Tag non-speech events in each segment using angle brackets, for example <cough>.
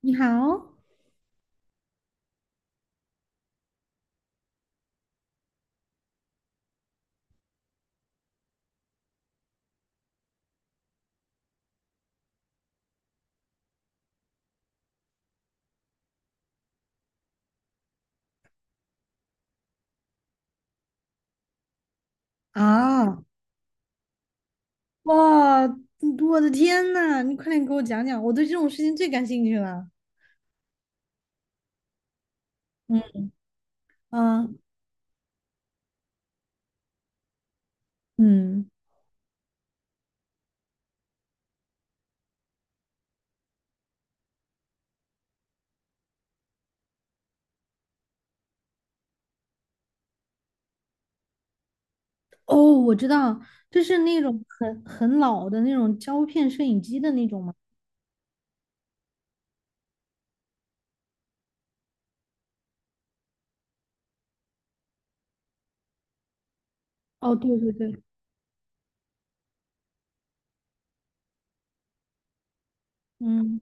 你好啊！哇，我的天呐，你快点给我讲讲，我对这种事情最感兴趣了。嗯啊，嗯，哦，我知道，就是那种很老的那种胶片摄影机的那种嘛。哦，对对对，嗯，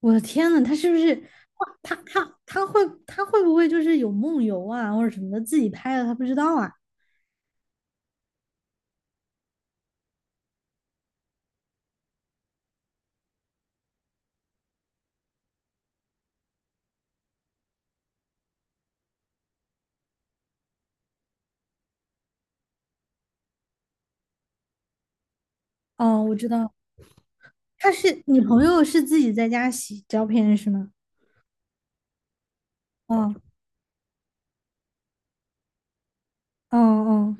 我的天呐，他是不是哇？他会不会就是有梦游啊，或者什么的，自己拍的他不知道啊？哦，我知道，你朋友是自己在家洗胶片是吗？哦哦哦，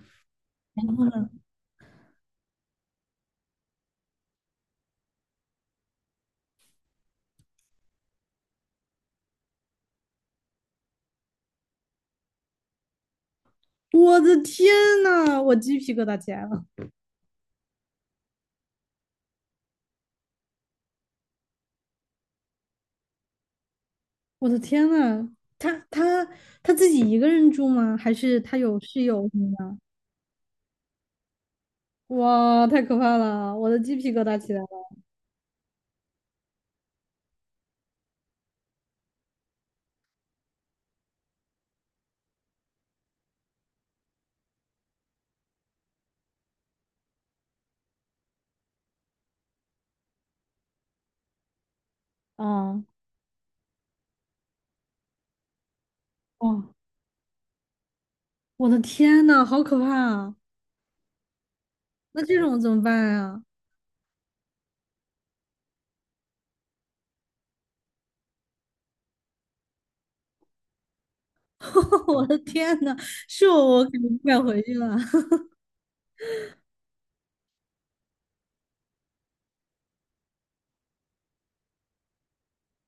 我的天呐，我鸡皮疙瘩起来了！我的天呐，他他他自己一个人住吗？还是他有室友什么的？哇，太可怕了！我的鸡皮疙瘩起来了啊！哇，我的天呐，好可怕啊！那这种怎么办啊？<laughs> 我的天呐，是我肯定不敢回去了。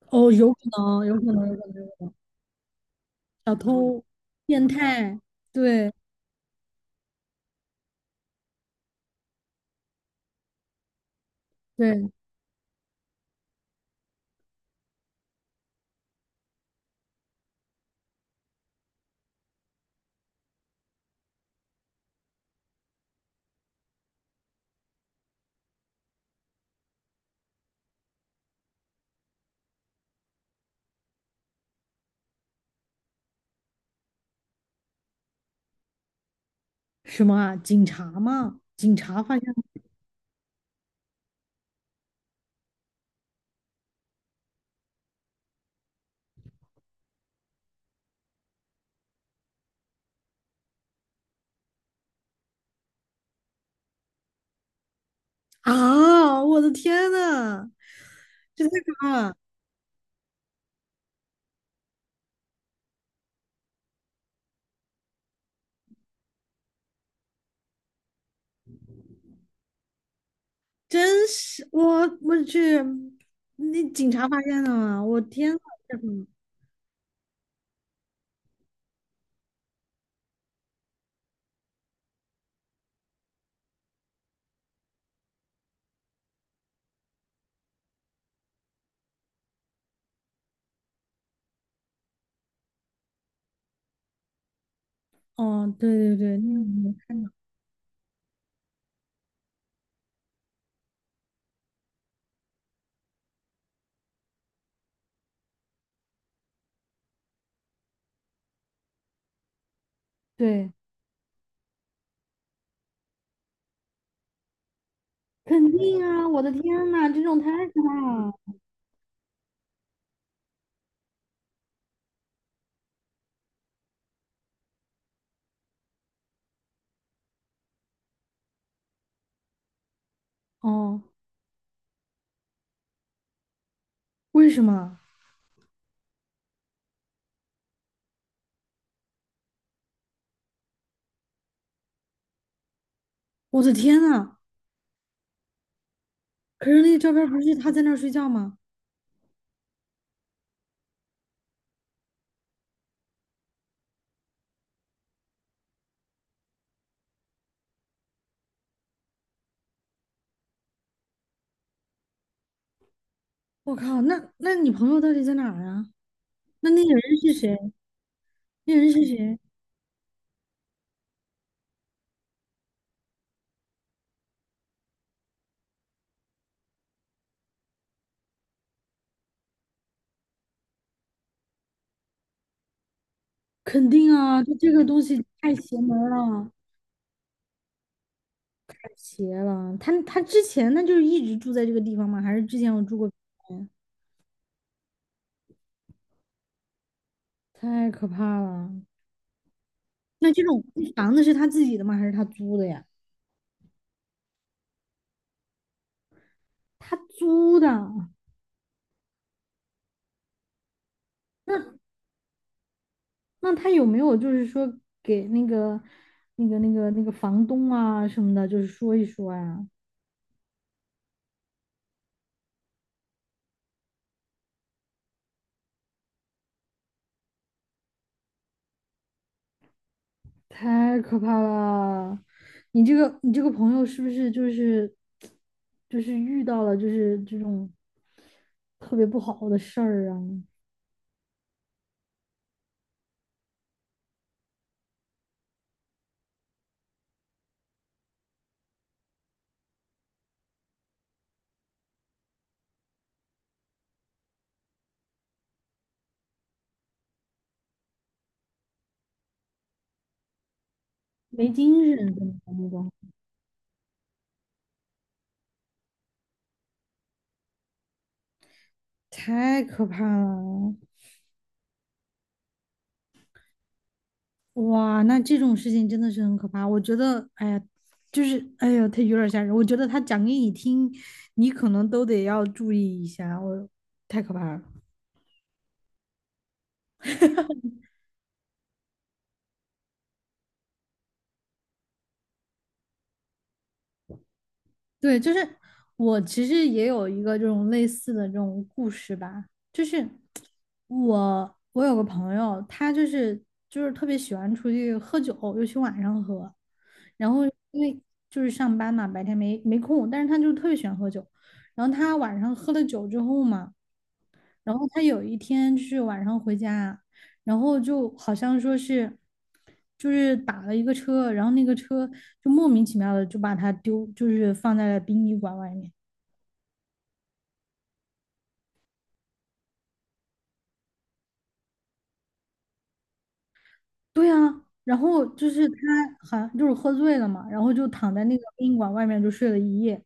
<laughs> 哦，有可能，有可能，有可能，小偷、变态，对对，什么啊？警察吗？警察发现啊！我的天呐！是可怕了，真是我去，那警察发现了吗？我天呐，这种哦，对对对，那个没看到，对，肯定啊！我的天呐，这种太可怕了。哦，为什么？我的天呐！可是那个照片不是他在那儿睡觉吗？我靠，那你朋友到底在哪儿啊？那个人是谁？那人是谁？肯定啊，就这个东西太邪门儿了，太邪了。他之前那就是一直住在这个地方吗？还是之前我住过？太可怕了。那这种房子是他自己的吗？还是他租的呀？他租的，那他有没有就是说给那个房东啊什么的，就是说一说呀？太可怕了！你这个朋友是不是就是遇到了就是这种特别不好的事儿啊？没精神，怎么怎么的？太可怕了！哇，那这种事情真的是很可怕。我觉得，哎呀，就是，哎呀，他有点吓人。我觉得他讲给你听，你可能都得要注意一下。我太可怕了。对，就是我其实也有一个这种类似的这种故事吧，就是我有个朋友，他就是特别喜欢出去喝酒，尤其晚上喝。然后因为就是上班嘛，白天没空，但是他就特别喜欢喝酒。然后他晚上喝了酒之后嘛。然后他有一天就是晚上回家，然后就好像说是，就是打了一个车，然后那个车就莫名其妙的就把他丢，就是放在了殡仪馆外面。对啊，然后就是他好像就是喝醉了嘛，然后就躺在那个殡仪馆外面就睡了一夜。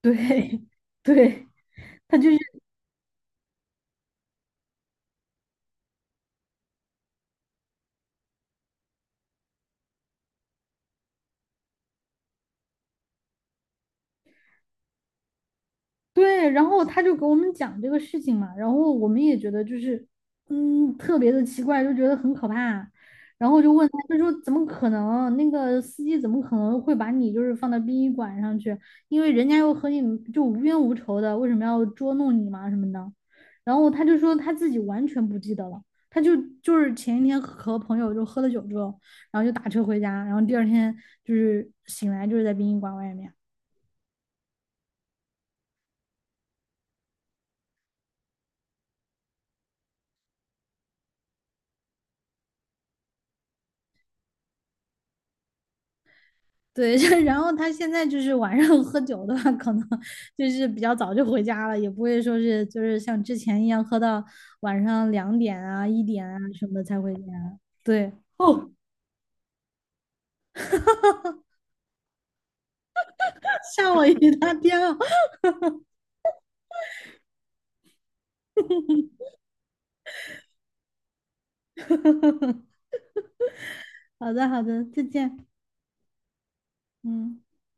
对，<laughs> 对，他就。对，然后他就给我们讲这个事情嘛，然后我们也觉得就是，嗯，特别的奇怪，就觉得很可怕，然后就问他，就说怎么可能？那个司机怎么可能会把你就是放到殡仪馆上去？因为人家又和你就无冤无仇的，为什么要捉弄你嘛什么的？然后他就说他自己完全不记得了，他就是前一天和朋友就喝了酒之后，然后就打车回家，然后第二天就是醒来就是在殡仪馆外面。对，就然后他现在就是晚上 <laughs> 喝酒的话，可能就是比较早就回家了，也不会说是就是像之前一样喝到晚上2点啊、1点啊什么的才回家。对，哦，<laughs> 吓我一大跳。<laughs> 好的，好的，再见。嗯。